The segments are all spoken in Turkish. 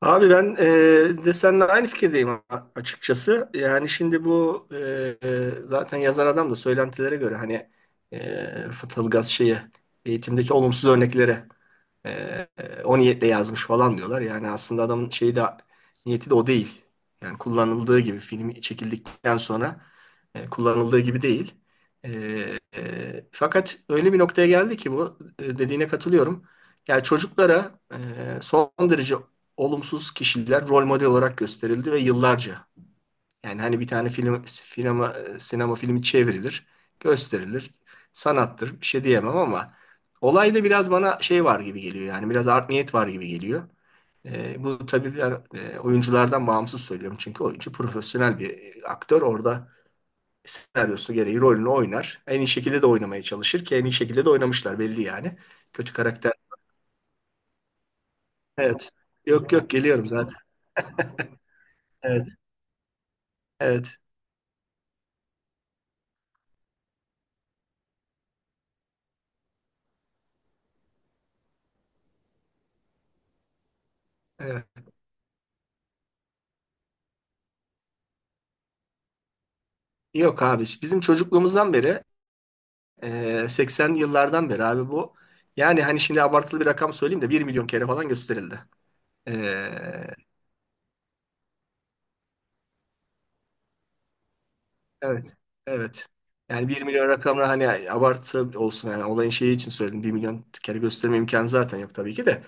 Abi ben de seninle aynı fikirdeyim açıkçası. Yani şimdi bu zaten yazar adam da söylentilere göre hani Fıtılgaz şeyi eğitimdeki olumsuz örneklere e, o niyetle yazmış falan diyorlar. Yani aslında adamın şeyi de niyeti de o değil. Yani kullanıldığı gibi film çekildikten sonra kullanıldığı gibi değil. E, Fakat öyle bir noktaya geldi ki bu, dediğine katılıyorum. Yani çocuklara son derece olumsuz kişiler rol model olarak gösterildi ve yıllarca. Yani hani bir tane film, sinema, sinema filmi çevrilir, gösterilir. Sanattır, bir şey diyemem ama olayda biraz bana şey var gibi geliyor. Yani biraz art niyet var gibi geliyor. Bu tabii ben oyunculardan bağımsız söylüyorum. Çünkü oyuncu profesyonel bir aktör. Orada senaryosu gereği rolünü oynar. En iyi şekilde de oynamaya çalışır ki en iyi şekilde de oynamışlar belli yani. Kötü karakter. Evet. Yok yok, geliyorum zaten. Evet. Evet. Evet. Yok abi, bizim çocukluğumuzdan beri, 80'li yıllardan beri abi bu. Yani hani şimdi abartılı bir rakam söyleyeyim de bir milyon kere falan gösterildi. E, evet. Evet. Yani bir milyon rakamına hani abartı olsun yani olayın şeyi için söyledim. Bir milyon kere gösterme imkanı zaten yok tabii ki de.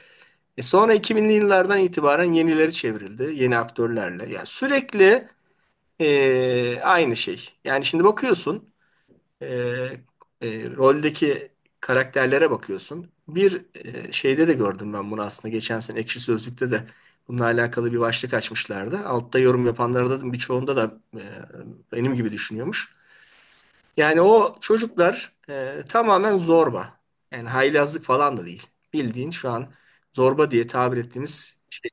E sonra 2000'li yıllardan itibaren yenileri çevrildi. Yeni aktörlerle. Yani sürekli aynı şey. Yani şimdi bakıyorsun, e, roldeki karakterlere bakıyorsun. Bir şeyde de gördüm ben bunu, aslında geçen sene Ekşi Sözlük'te de bununla alakalı bir başlık açmışlardı. Altta yorum yapanlara da, birçoğunda da benim gibi düşünüyormuş. Yani o çocuklar tamamen zorba. Yani haylazlık falan da değil. Bildiğin şu an zorba diye tabir ettiğimiz şey.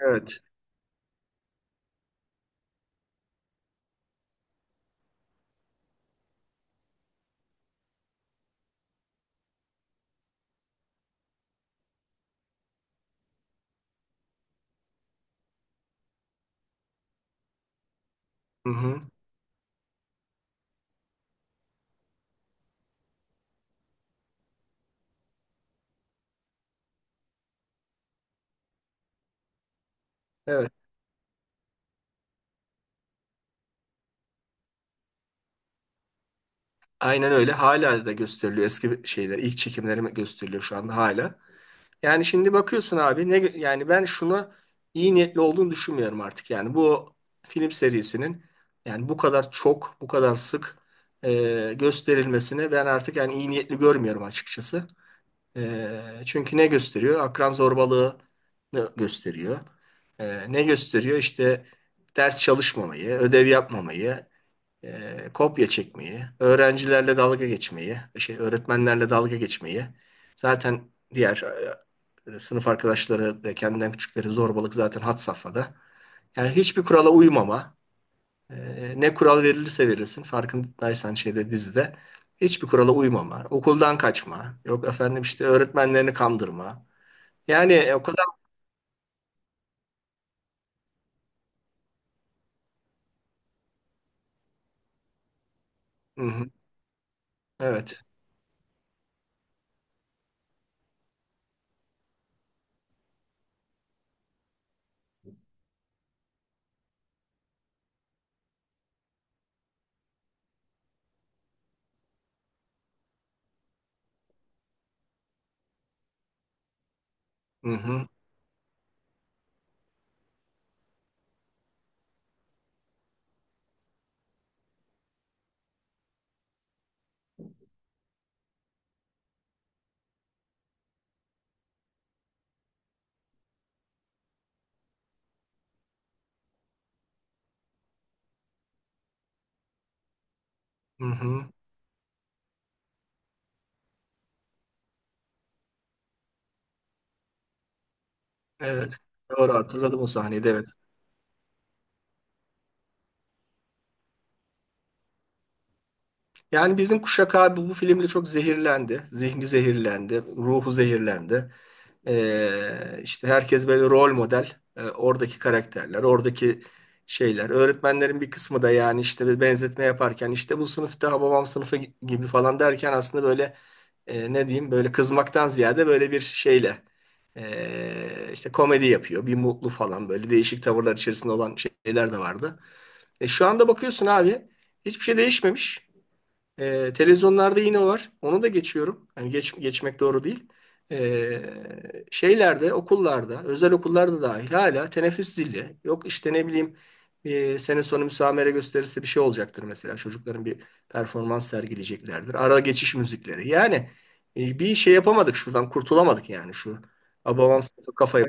Evet. Hı hı. Evet. Aynen öyle. Hala da gösteriliyor eski şeyler. İlk çekimleri gösteriliyor şu anda hala. Yani şimdi bakıyorsun abi ne yani, ben şunu iyi niyetli olduğunu düşünmüyorum artık. Yani bu film serisinin, yani bu kadar çok, bu kadar sık gösterilmesini ben artık yani iyi niyetli görmüyorum açıkçası. E, çünkü ne gösteriyor? Akran zorbalığını gösteriyor. E, ne gösteriyor? İşte ders çalışmamayı, ödev yapmamayı, kopya çekmeyi, öğrencilerle dalga geçmeyi, şey, öğretmenlerle dalga geçmeyi. Zaten diğer sınıf arkadaşları ve kendinden küçükleri zorbalık zaten had safhada. Yani hiçbir kurala uymama. Ne kural verilirse verilsin, farkındaysan şeyde, dizide, hiçbir kurala uymama. Okuldan kaçma. Yok efendim işte öğretmenlerini kandırma. Yani o kadar... Hı hı, evet. Hı hı, hı hı, evet. Doğru hatırladım o sahneyi de, evet. Yani bizim kuşak abi bu filmle çok zehirlendi. Zihni zehirlendi, ruhu zehirlendi. İşte herkes böyle rol model. Oradaki karakterler, oradaki şeyler. Öğretmenlerin bir kısmı da, yani işte bir benzetme yaparken işte bu sınıfta babam sınıfı gibi falan derken, aslında böyle ne diyeyim, böyle kızmaktan ziyade böyle bir şeyle işte komedi yapıyor. Bir mutlu falan, böyle değişik tavırlar içerisinde olan şeyler de vardı. E, şu anda bakıyorsun abi, hiçbir şey değişmemiş. Televizyonlarda yine var. Onu da geçiyorum. Yani geçmek doğru değil. Şeylerde, okullarda, özel okullarda dahil hala teneffüs zili. Yok işte ne bileyim, sene sonu müsamere gösterisi bir şey olacaktır mesela. Çocukların bir performans sergileyeceklerdir. Ara geçiş müzikleri. Yani bir şey yapamadık, şuradan kurtulamadık yani şu. Babam kafayı.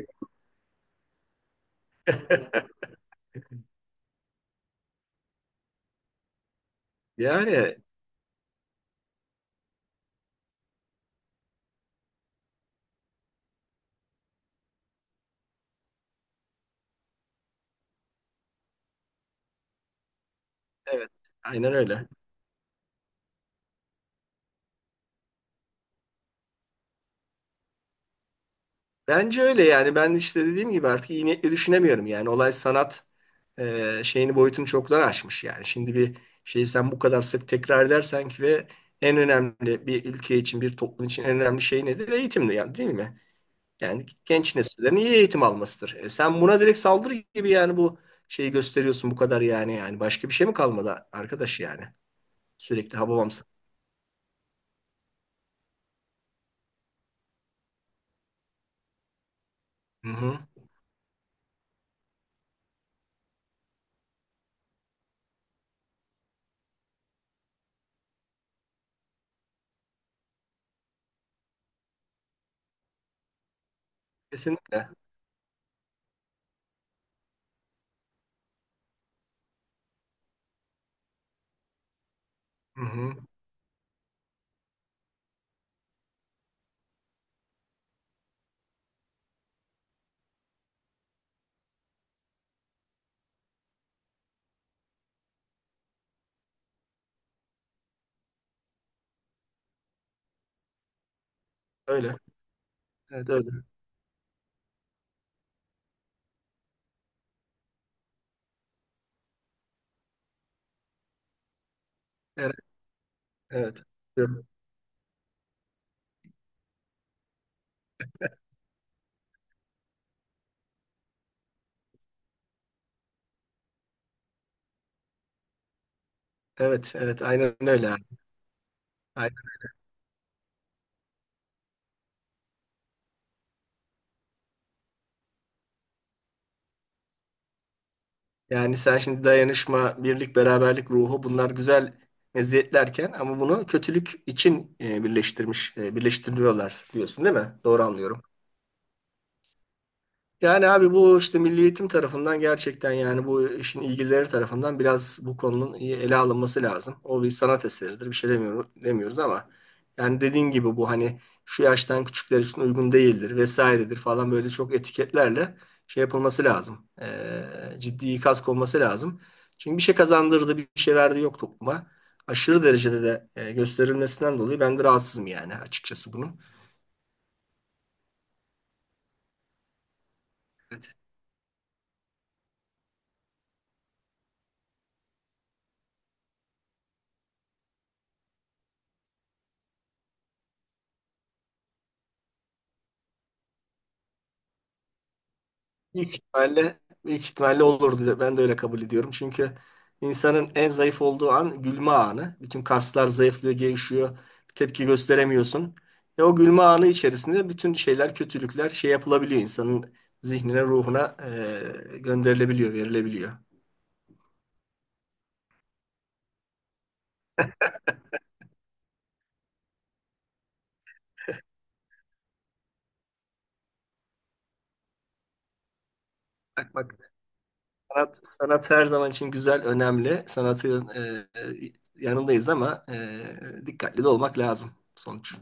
Yani evet, aynen öyle. Bence öyle yani, ben işte dediğim gibi artık iyi niyetle düşünemiyorum, yani olay sanat şeyini, boyutunu çoktan aşmış yani. Şimdi bir şeyi sen bu kadar sık tekrar edersen ki, ve en önemli, bir ülke için, bir toplum için en önemli şey nedir? Eğitimdir yani, değil mi? Yani genç nesillerin iyi eğitim almasıdır. E, sen buna direkt saldırı gibi yani bu şeyi gösteriyorsun bu kadar, yani yani başka bir şey mi kalmadı arkadaş yani, sürekli hababam. Hı hı. Kesinlikle. Hı hı. Öyle. Evet öyle. Evet. Evet. Evet, evet, aynen öyle abi. Aynen. Yani sen şimdi dayanışma, birlik, beraberlik ruhu, bunlar güzel meziyetlerken, ama bunu kötülük için birleştiriyorlar diyorsun, değil mi? Doğru anlıyorum. Yani abi bu işte Milli Eğitim tarafından, gerçekten yani bu işin ilgilileri tarafından biraz bu konunun iyi ele alınması lazım. O bir sanat eseridir, bir şey demiyoruz ama yani dediğin gibi bu hani şu yaştan küçükler için uygun değildir vesairedir falan, böyle çok etiketlerle şey yapılması lazım. Ciddi ikaz konması lazım. Çünkü bir şey kazandırdı, bir şey verdi yok topluma. Aşırı derecede de gösterilmesinden dolayı ben de rahatsızım yani açıkçası bunun. Büyük ihtimalle, büyük ihtimalle olurdu. Ben de öyle kabul ediyorum. Çünkü insanın en zayıf olduğu an gülme anı. Bütün kaslar zayıflıyor, gevşiyor. Tepki gösteremiyorsun. E, o gülme anı içerisinde bütün şeyler, kötülükler şey yapılabiliyor. İnsanın zihnine, ruhuna gönderilebiliyor, verilebiliyor. Bak, sanat her zaman için güzel, önemli. Sanatın yanındayız, ama dikkatli de olmak lazım sonuç.